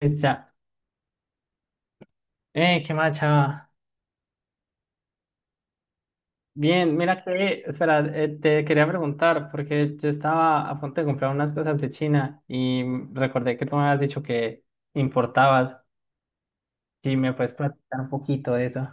Ya. Qué macha. Bien, mira que, espera, te quería preguntar, porque yo estaba a punto de comprar unas cosas de China y recordé que tú me habías dicho que importabas. Si me puedes platicar un poquito de eso.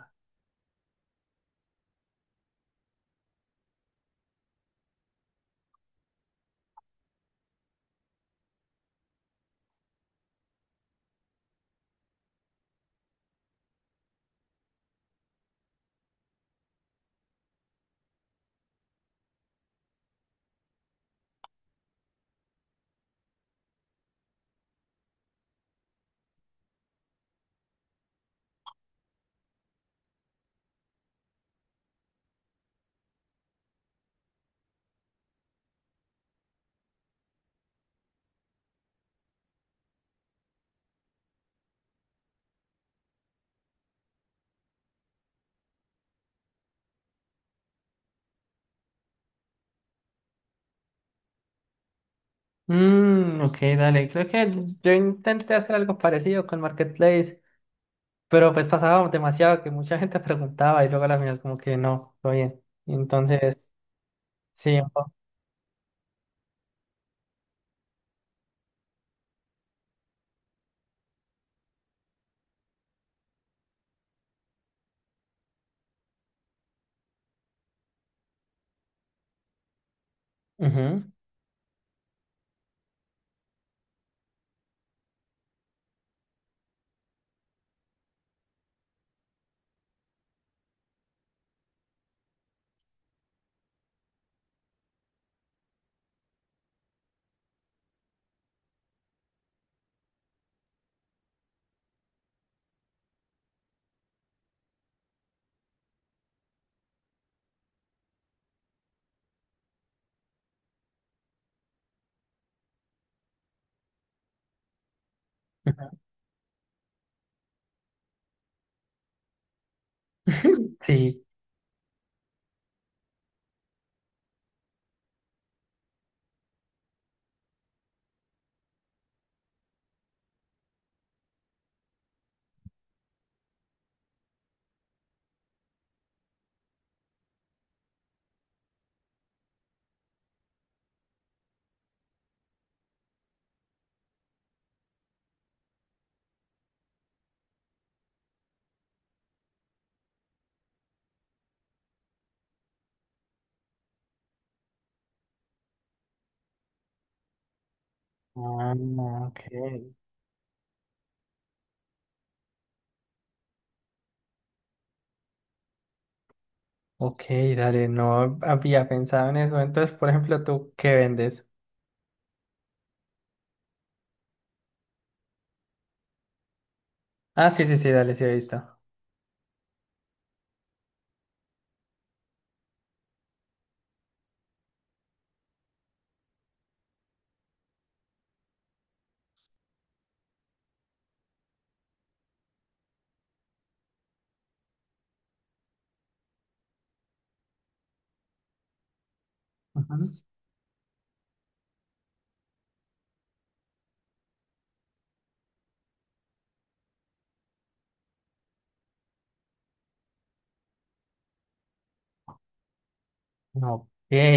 Mm, ok, dale. Creo que yo intenté hacer algo parecido con Marketplace, pero pues pasaba demasiado que mucha gente preguntaba y luego a la final como que no, todo bien. Entonces, sí. Ujú, ujú. Sí. Ah, ok. Ok, dale, no había pensado en eso. Entonces, por ejemplo, ¿tú qué vendes? Ah, sí, sí, sí, dale, sí, he visto. Ujú. Ok,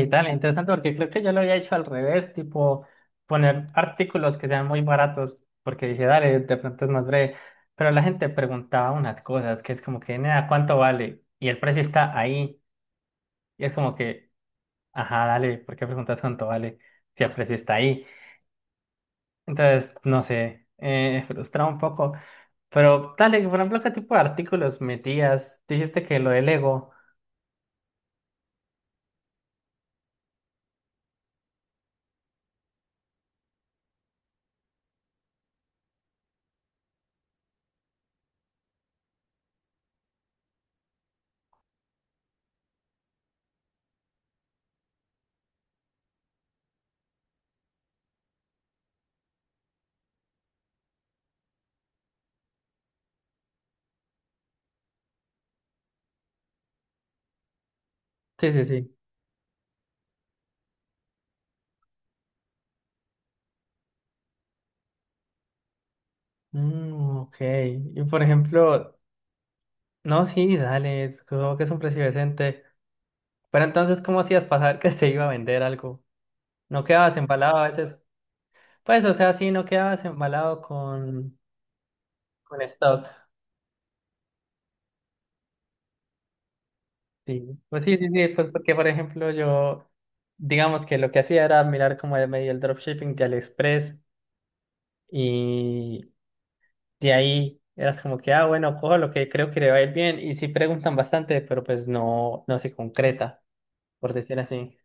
dale, interesante porque creo que yo lo había hecho al revés, tipo poner artículos que sean muy baratos, porque dije, dale, de pronto es más breve. Pero la gente preguntaba unas cosas que es como que, nada, ¿cuánto vale? Y el precio está ahí. Y es como que, ajá, dale, ¿por qué preguntas cuánto vale si el precio está ahí? Entonces, no sé, frustrado un poco. Pero dale, por ejemplo, ¿qué tipo de artículos metías? Dijiste que lo del ego. Sí, sí, sí. Mm, ok. Y por ejemplo, no, sí, dale, creo que es un precio decente. Pero entonces, ¿cómo hacías pasar que se iba a vender algo? ¿No quedabas embalado a veces? Pues, o sea, sí, no quedabas embalado con stock. Sí, pues sí, sí, sí, pues porque, por ejemplo, yo, digamos que lo que hacía era mirar como de medio el dropshipping de AliExpress y de ahí eras como que, ah, bueno, cojo lo que creo que le va a ir bien. Y sí preguntan bastante, pero pues no, no se concreta, por decir así.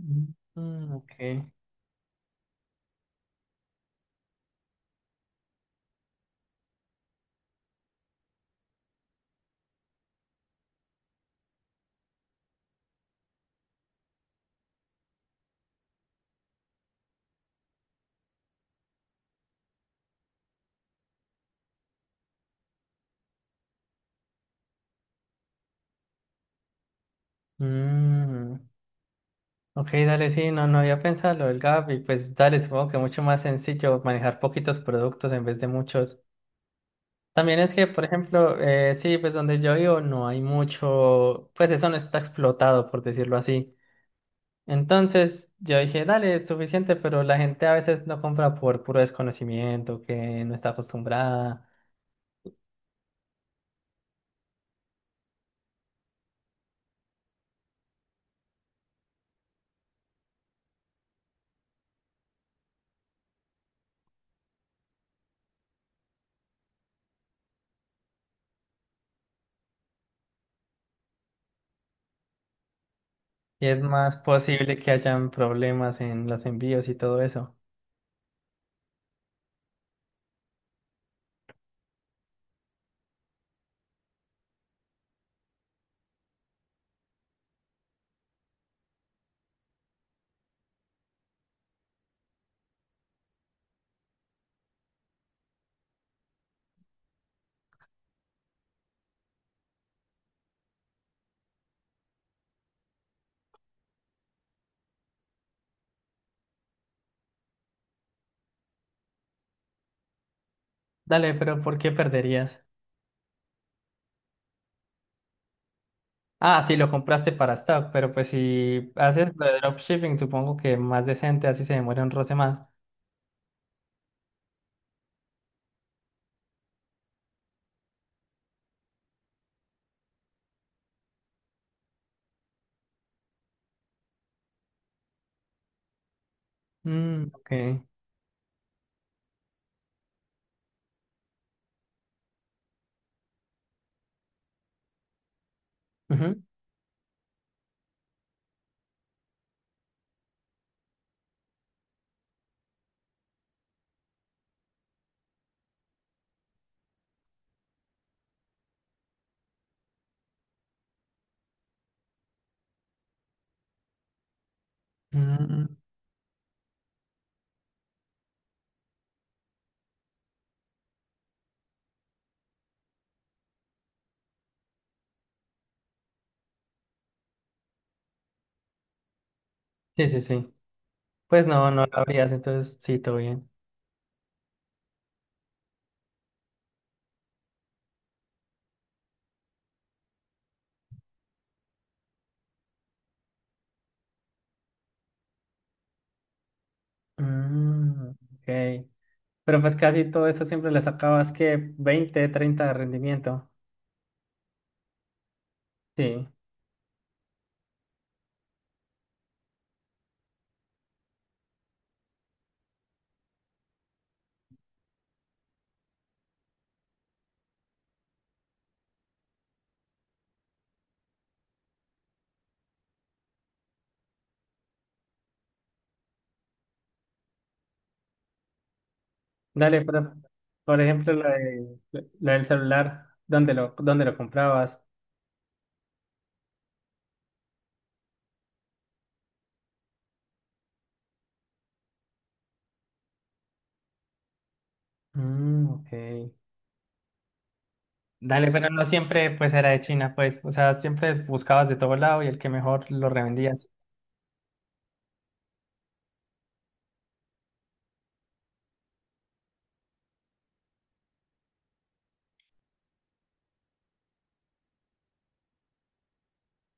Mm, ok. Mm, ok, dale, sí, no, no había pensado lo del gap y pues dale, supongo que mucho más sencillo manejar poquitos productos en vez de muchos. También es que, por ejemplo, sí, pues donde yo vivo no hay mucho, pues eso no está explotado, por decirlo así. Entonces yo dije, dale, es suficiente, pero la gente a veces no compra por puro desconocimiento, que no está acostumbrada, y es más posible que hayan problemas en los envíos y todo eso. Dale, pero ¿por qué perderías? Ah, sí, lo compraste para stock, pero pues si haces lo de dropshipping, supongo que más decente, así se demora un roce más. Mm, ok. Ujú. Mm, mm, sí, sí, sí. Pues no, no lo habrías, entonces sí, todo bien. Mm, ok. Pero pues casi todo eso siempre le sacabas que 20-30 de rendimiento. Sí. Dale, pero, por ejemplo, lo del celular, dónde lo comprabas? Mm, ok. Dale, pero no siempre pues era de China, pues. O sea, siempre buscabas de todo lado y el que mejor lo revendías.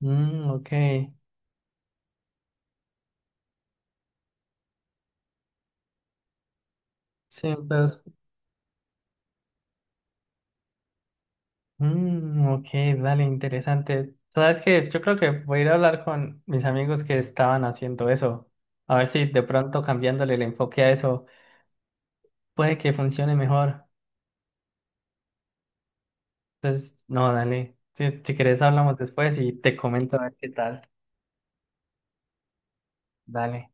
Mm, ok. Sí, entonces. Mm, ok, dale, interesante. Sabes que yo creo que voy a ir a hablar con mis amigos que estaban haciendo eso. A ver si de pronto cambiándole el enfoque a eso puede que funcione mejor. Entonces, no, dale. Si, si querés hablamos después y te comento a ver qué tal. Dale.